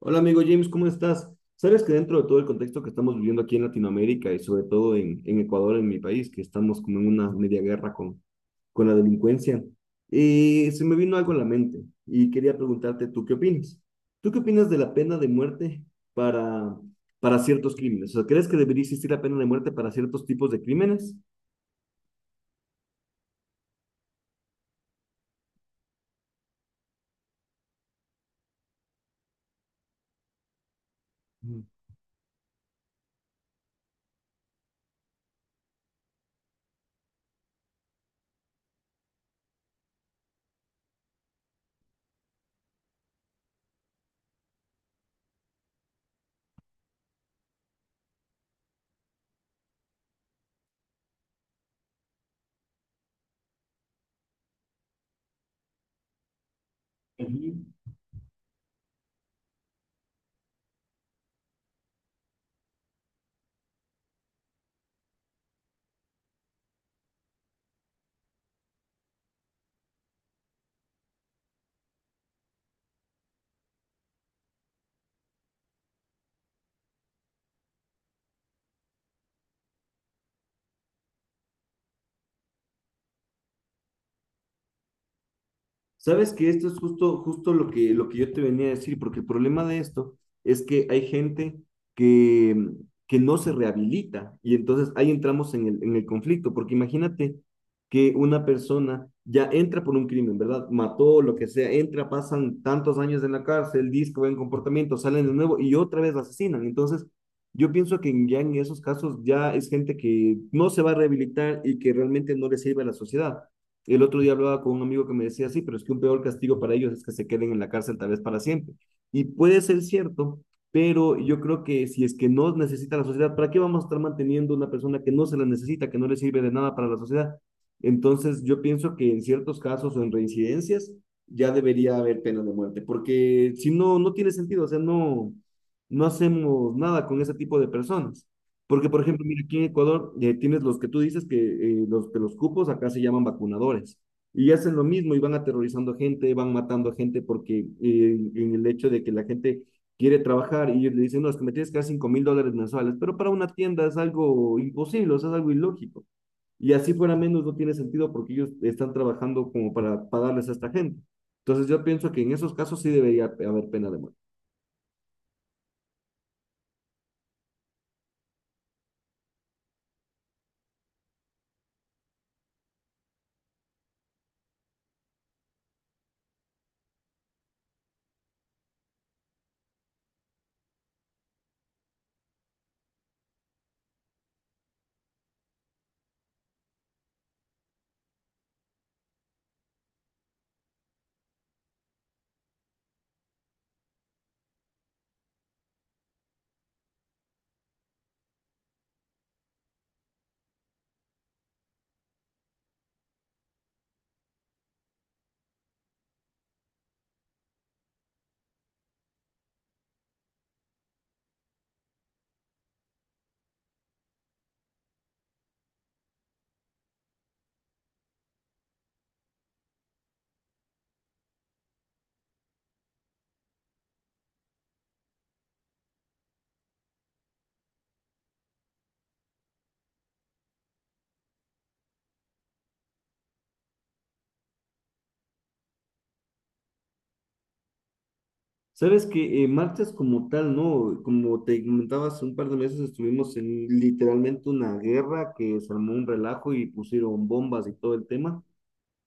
Hola amigo James, ¿cómo estás? Sabes que dentro de todo el contexto que estamos viviendo aquí en Latinoamérica y sobre todo en Ecuador, en mi país, que estamos como en una media guerra con la delincuencia. Se me vino algo a la mente y quería preguntarte, ¿tú qué opinas? ¿Tú qué opinas de la pena de muerte para, para ciertos crímenes? O sea, ¿crees que debería existir la pena de muerte para ciertos tipos de crímenes? Ujú. Sabes que esto es justo lo que yo te venía a decir, porque el problema de esto es que hay gente que, que no se rehabilita y entonces ahí entramos en el conflicto, porque imagínate que una persona ya entra por un crimen, ¿verdad? Mató, lo que sea, entra, pasan tantos años en la cárcel, disco, buen comportamiento, salen de nuevo y otra vez la asesinan. Entonces, yo pienso que ya en esos casos ya es gente que no se va a rehabilitar y que realmente no le sirve a la sociedad. Y el otro día hablaba con un amigo que me decía, sí, pero es que un peor castigo para ellos es que se queden en la cárcel tal vez para siempre. Y puede ser cierto, pero yo creo que si es que no necesita la sociedad, ¿para qué vamos a estar manteniendo una persona que no se la necesita, que no le sirve de nada para la sociedad? Entonces yo pienso que en ciertos casos o en reincidencias ya debería haber pena de muerte, porque si no, no tiene sentido, o sea, no hacemos nada con ese tipo de personas. Porque, por ejemplo, mira, aquí en Ecuador tienes los que tú dices que los cupos acá se llaman vacunadores y hacen lo mismo y van aterrorizando a gente, van matando a gente porque en el hecho de que la gente quiere trabajar y ellos le dicen, no, es que me tienes que dar $5000 mensuales, pero para una tienda es algo imposible, o sea, es algo ilógico. Y así fuera menos no tiene sentido porque ellos están trabajando como para pagarles a esta gente. Entonces yo pienso que en esos casos sí debería haber pena de muerte. Sabes que marchas como tal, ¿no? Como te comentaba hace un par de meses, estuvimos en literalmente una guerra que se armó un relajo y pusieron bombas y todo el tema.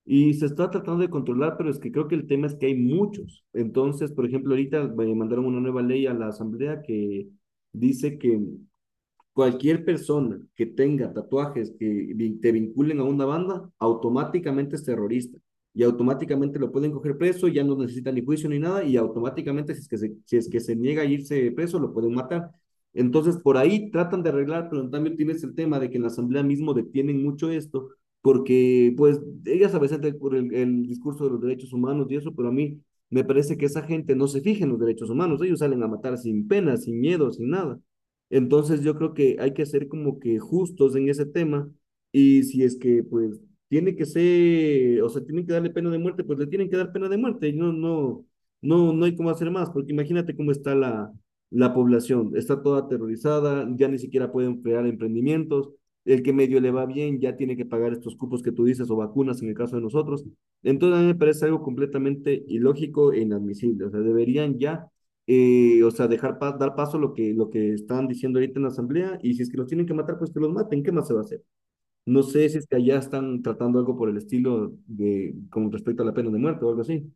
Y se está tratando de controlar, pero es que creo que el tema es que hay muchos. Entonces, por ejemplo, ahorita mandaron una nueva ley a la Asamblea que dice que cualquier persona que tenga tatuajes que te vinculen a una banda, automáticamente es terrorista. Y automáticamente lo pueden coger preso, ya no necesita ni juicio ni nada, y automáticamente, si es que se niega a irse preso, lo pueden matar. Entonces, por ahí tratan de arreglar, pero en cambio tienes el tema de que en la asamblea mismo detienen mucho esto, porque pues ellas a veces por el discurso de los derechos humanos y eso, pero a mí me parece que esa gente no se fija en los derechos humanos, ellos salen a matar sin pena, sin miedo, sin nada. Entonces yo creo que hay que ser como que justos en ese tema y si es que pues tiene que ser, o sea, tienen que darle pena de muerte, pues le tienen que dar pena de muerte, no, no, no, no hay cómo hacer más, porque imagínate cómo está la población, está toda aterrorizada, ya ni siquiera pueden crear emprendimientos, el que medio le va bien ya tiene que pagar estos cupos que tú dices o vacunas en el caso de nosotros, entonces a mí me parece algo completamente ilógico e inadmisible, o sea, deberían ya o sea, dar paso a lo que están diciendo ahorita en la asamblea, y si es que los tienen que matar, pues que los maten, ¿qué más se va a hacer? No sé si es que allá están tratando algo por el estilo de, con respecto a la pena de muerte o algo así.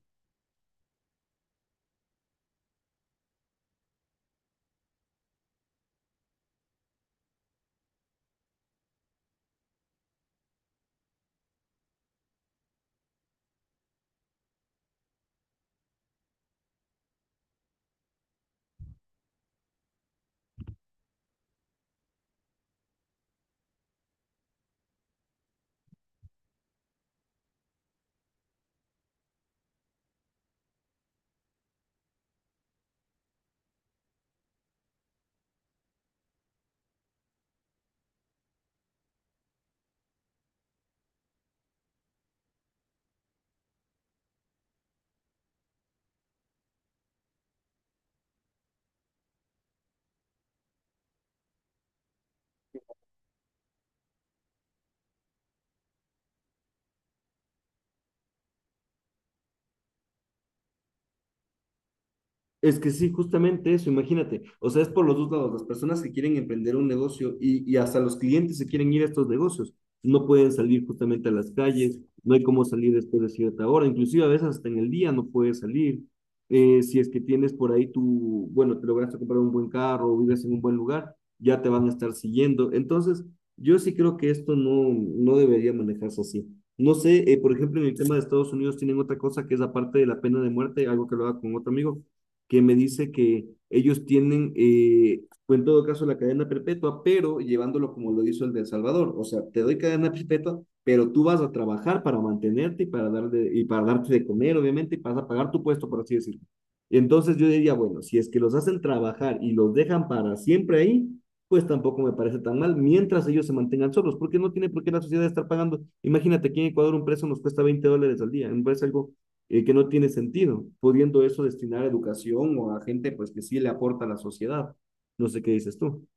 Es que sí, justamente eso, imagínate. O sea, es por los dos lados. Las personas que quieren emprender un negocio y hasta los clientes se quieren ir a estos negocios. No pueden salir justamente a las calles, no hay cómo salir después de cierta hora. Inclusive a veces hasta en el día no puedes salir. Si es que tienes por ahí tu, bueno, te lograste comprar un buen carro o vives en un buen lugar, ya te van a estar siguiendo. Entonces, yo sí creo que esto no debería manejarse así. No sé, por ejemplo, en el tema de Estados Unidos tienen otra cosa que es la parte de la pena de muerte, algo que lo haga con otro amigo que me dice que ellos tienen, fue en todo caso la cadena perpetua, pero llevándolo como lo hizo el de El Salvador. O sea, te doy cadena perpetua, pero tú vas a trabajar para mantenerte y para darte de comer, obviamente, y vas a pagar tu puesto, por así decirlo. Entonces yo diría, bueno, si es que los hacen trabajar y los dejan para siempre ahí, pues tampoco me parece tan mal, mientras ellos se mantengan solos, porque no tiene por qué la sociedad estar pagando. Imagínate aquí en Ecuador un preso nos cuesta $20 al día, me parece algo que no tiene sentido, pudiendo eso destinar a educación o a gente pues que sí le aporta a la sociedad. No sé qué dices tú.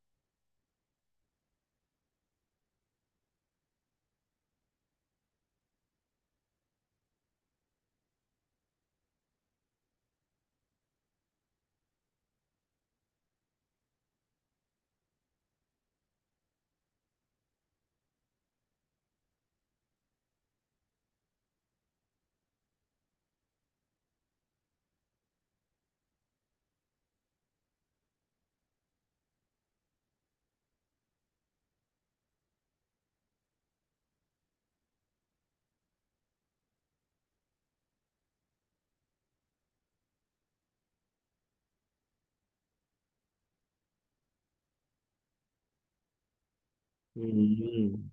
Mm.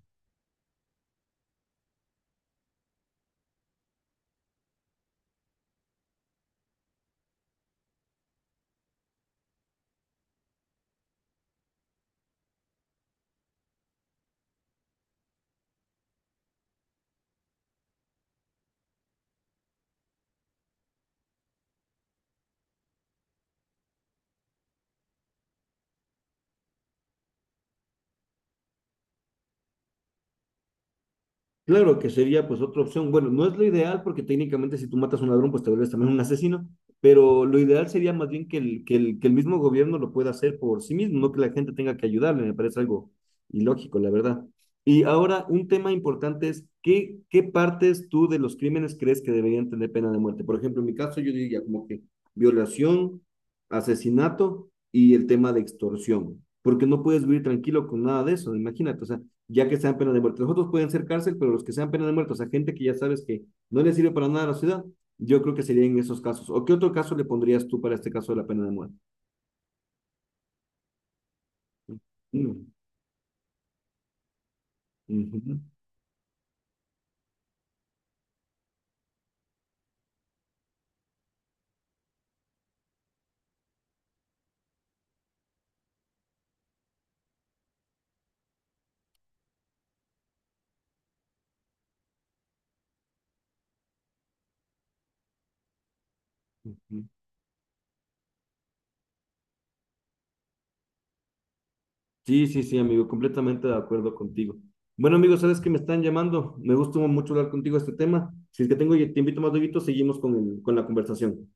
Claro que sería pues otra opción. Bueno, no es lo ideal porque técnicamente si tú matas a un ladrón pues te vuelves también un asesino, pero lo ideal sería más bien que el mismo gobierno lo pueda hacer por sí mismo, no que la gente tenga que ayudarle, me parece algo ilógico, la verdad. Y ahora un tema importante es, ¿qué partes tú de los crímenes crees que deberían tener pena de muerte? Por ejemplo, en mi caso yo diría como que violación, asesinato y el tema de extorsión, porque no puedes vivir tranquilo con nada de eso, imagínate, o sea, ya que sean penas de muerte. Los otros pueden ser cárcel, pero los que sean penas de muerte, o sea, gente que ya sabes que no le sirve para nada a la ciudad, yo creo que sería en esos casos. ¿O qué otro caso le pondrías tú para este caso de la pena de muerte? Mm, ujú, ujú. Sí, sí, sí, amigo, completamente de acuerdo contigo. Bueno, amigo, sabes que me están llamando. Me gustó mucho hablar contigo de este tema. Si es que tengo, te invito más, Dieguito, seguimos con con la conversación.